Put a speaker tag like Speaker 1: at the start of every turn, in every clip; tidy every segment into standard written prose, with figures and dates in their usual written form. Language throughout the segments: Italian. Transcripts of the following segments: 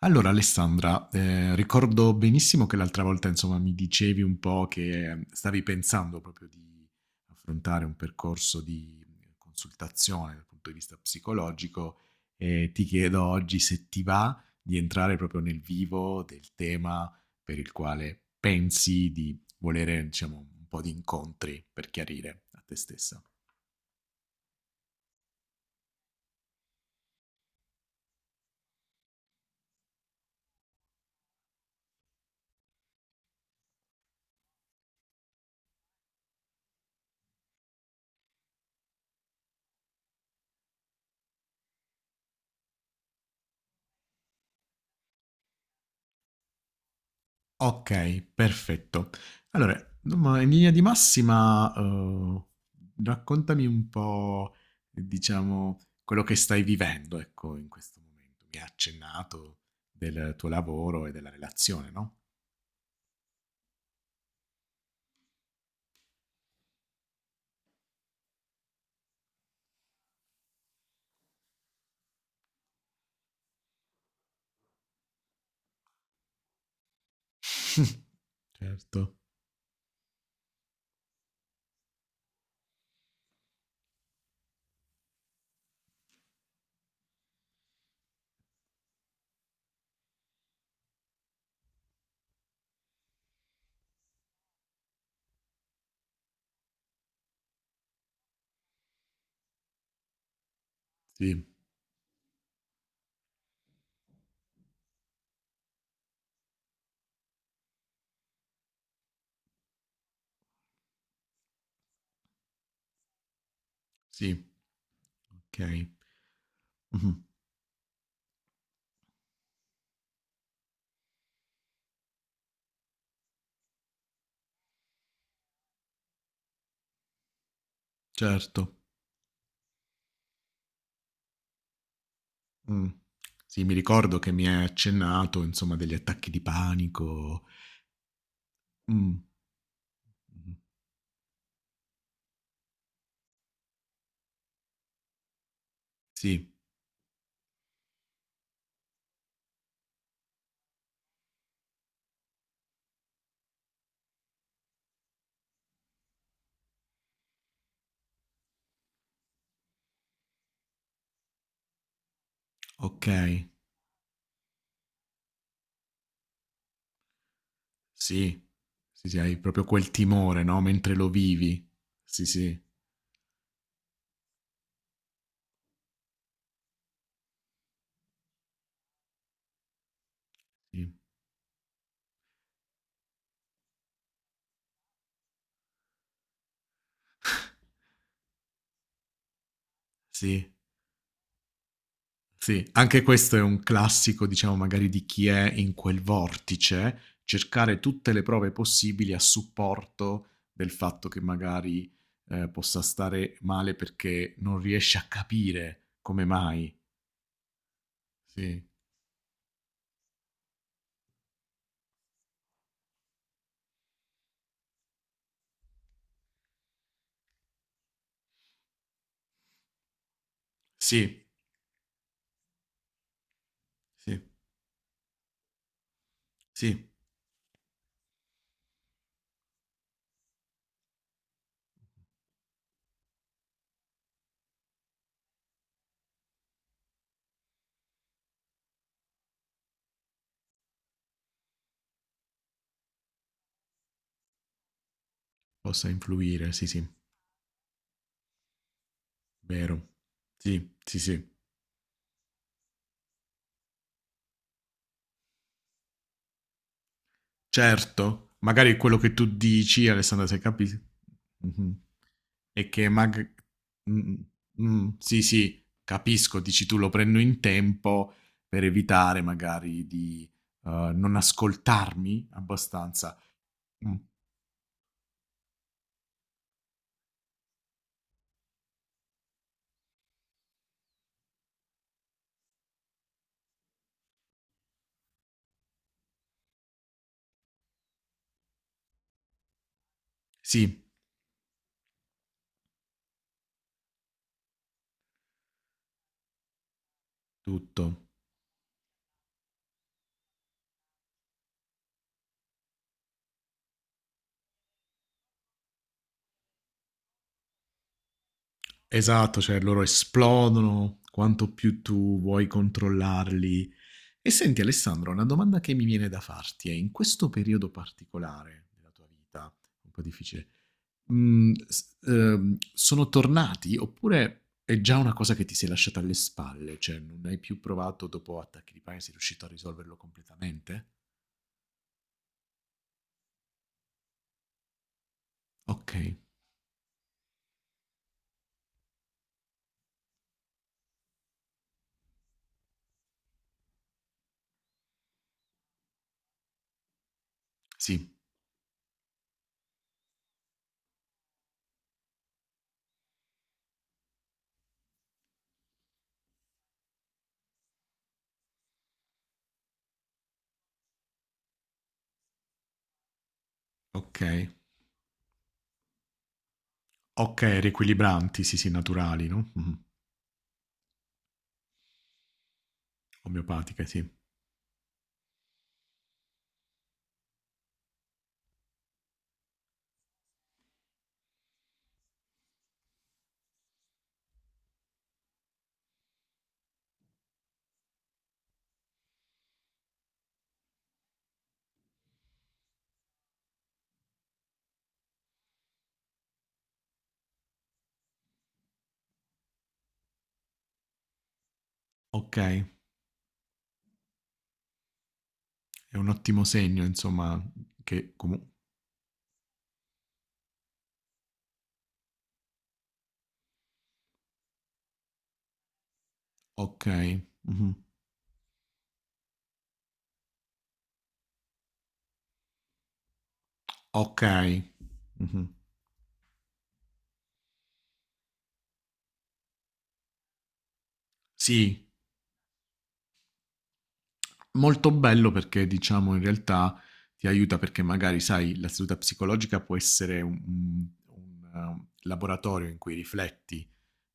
Speaker 1: Allora Alessandra, ricordo benissimo che l'altra volta, insomma, mi dicevi un po' che stavi pensando proprio di affrontare un percorso di consultazione dal punto di vista psicologico e ti chiedo oggi se ti va di entrare proprio nel vivo del tema per il quale pensi di volere, diciamo, un po' di incontri per chiarire a te stessa. Okay, perfetto. Allora, insomma, in linea di massima, raccontami un po', diciamo, quello che stai vivendo, ecco, in questo momento. Mi hai accennato del tuo lavoro e della relazione, no? Certo, sì, sì, okay. Mh-mh, certo. Mh. Sì, mi ricordo che mi hai accennato, insomma, degli attacchi di panico. Mh, mh-mh. Sì, okay. Sì, sì, sì, hai proprio quel timore, no, mentre lo vivi. Sì, sì, sì, sì, sì. Anche questo è un classico, diciamo, magari di chi è in quel vortice, cercare tutte le prove possibili a supporto del fatto che magari possa stare male perché non riesce a capire come mai. Sì, sì, sì, sì, possa influire, sì, sì, vero. Sì, sì, sì. Certo, magari quello che tu dici, Alessandra, se capisci, mhm. è che mag- mm, mm, mm, sì, sì, capisco, dici tu lo prendo in tempo per evitare magari di non ascoltarmi abbastanza. Mm, sì, tutto. Esatto, cioè loro esplodono quanto più tu vuoi controllarli. E senti Alessandro, una domanda che mi viene da farti è, in questo periodo particolare della tua vita, un po' difficile, mhmm, s sono tornati oppure è già una cosa che ti sei lasciata alle spalle, cioè non hai più provato dopo attacchi di panico, sei riuscito a risolverlo completamente? Okay, sì, okay. Okay, riequilibranti, sì, sì, naturali, no, mh-mh, omeopatiche, sì. Okay, è un ottimo segno insomma che comu okay, mh-mh, okay, mh-mh. Sì. Molto bello perché diciamo in realtà ti aiuta perché magari sai la seduta psicologica può essere un, laboratorio in cui rifletti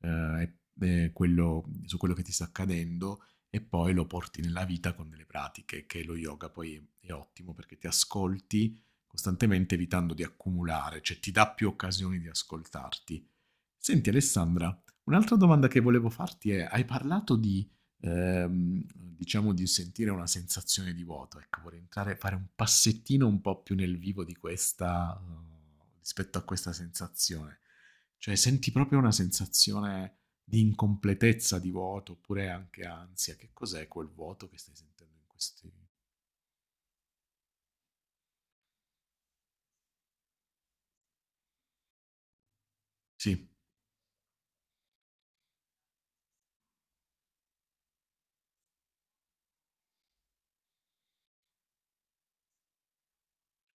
Speaker 1: eh, su quello che ti sta accadendo e poi lo porti nella vita con delle pratiche, che lo yoga poi è ottimo perché ti ascolti costantemente evitando di accumulare, cioè ti dà più occasioni di ascoltarti. Senti Alessandra, un'altra domanda che volevo farti è, hai parlato di, diciamo, di sentire una sensazione di vuoto, ecco, vorrei entrare, fare un passettino un po' più nel vivo di questa, rispetto a questa sensazione. Cioè, senti proprio una sensazione di incompletezza, di vuoto, oppure anche ansia. Che cos'è quel vuoto che stai sentendo in questi... Sì,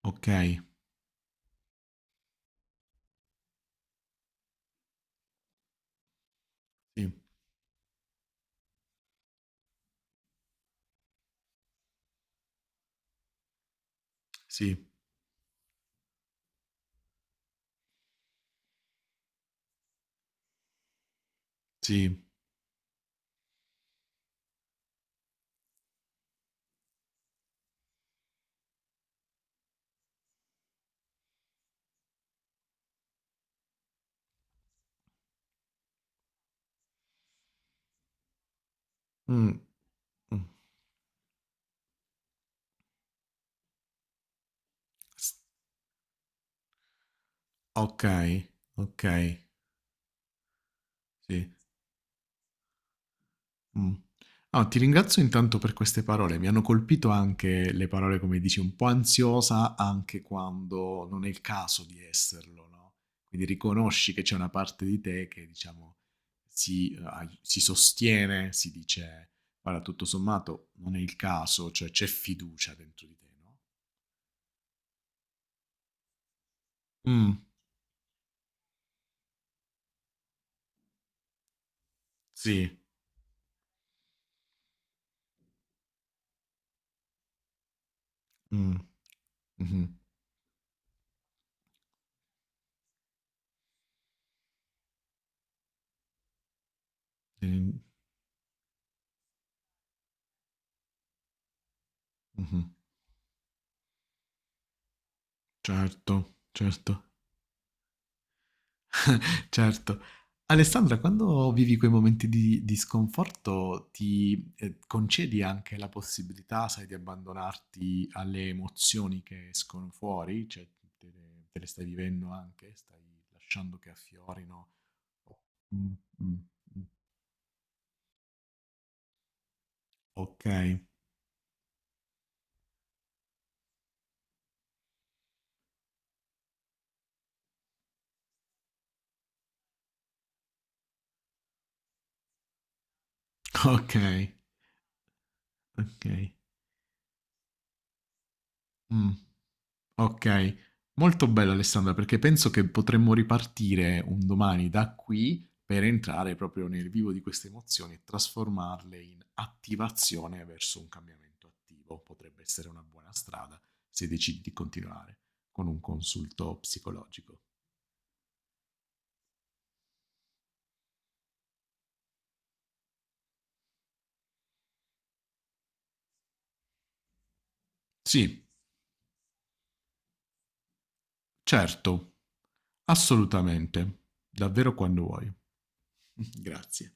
Speaker 1: ok, sì, sì, sì. Mm, mm. S- Ok, ok, sì. Mh. No, ti ringrazio intanto per queste parole. Mi hanno colpito anche le parole, come dici, un po' ansiosa anche quando non è il caso di esserlo, no, quindi riconosci che c'è una parte di te che diciamo si, ai si sostiene, si dice: "Guarda, tutto sommato non è il caso", cioè c'è fiducia dentro di te, no? Mh, sì, mh, mh-mh, ehm, mh-mh, certo, certo. Certo. Alessandra, quando vivi quei momenti di sconforto, ti concedi anche la possibilità, sai, di abbandonarti alle emozioni che escono fuori, cioè te le stai vivendo anche, stai lasciando che affiorino. Mm, mm, mm. Ok, ok, ok. Mm. Okay. Molto bello Alessandra, perché penso che potremmo ripartire un domani da qui, per entrare proprio nel vivo di queste emozioni e trasformarle in attivazione verso un cambiamento attivo. Potrebbe essere una buona strada se decidi di continuare con un consulto psicologico. Sì, certo, assolutamente, davvero quando vuoi. Grazie.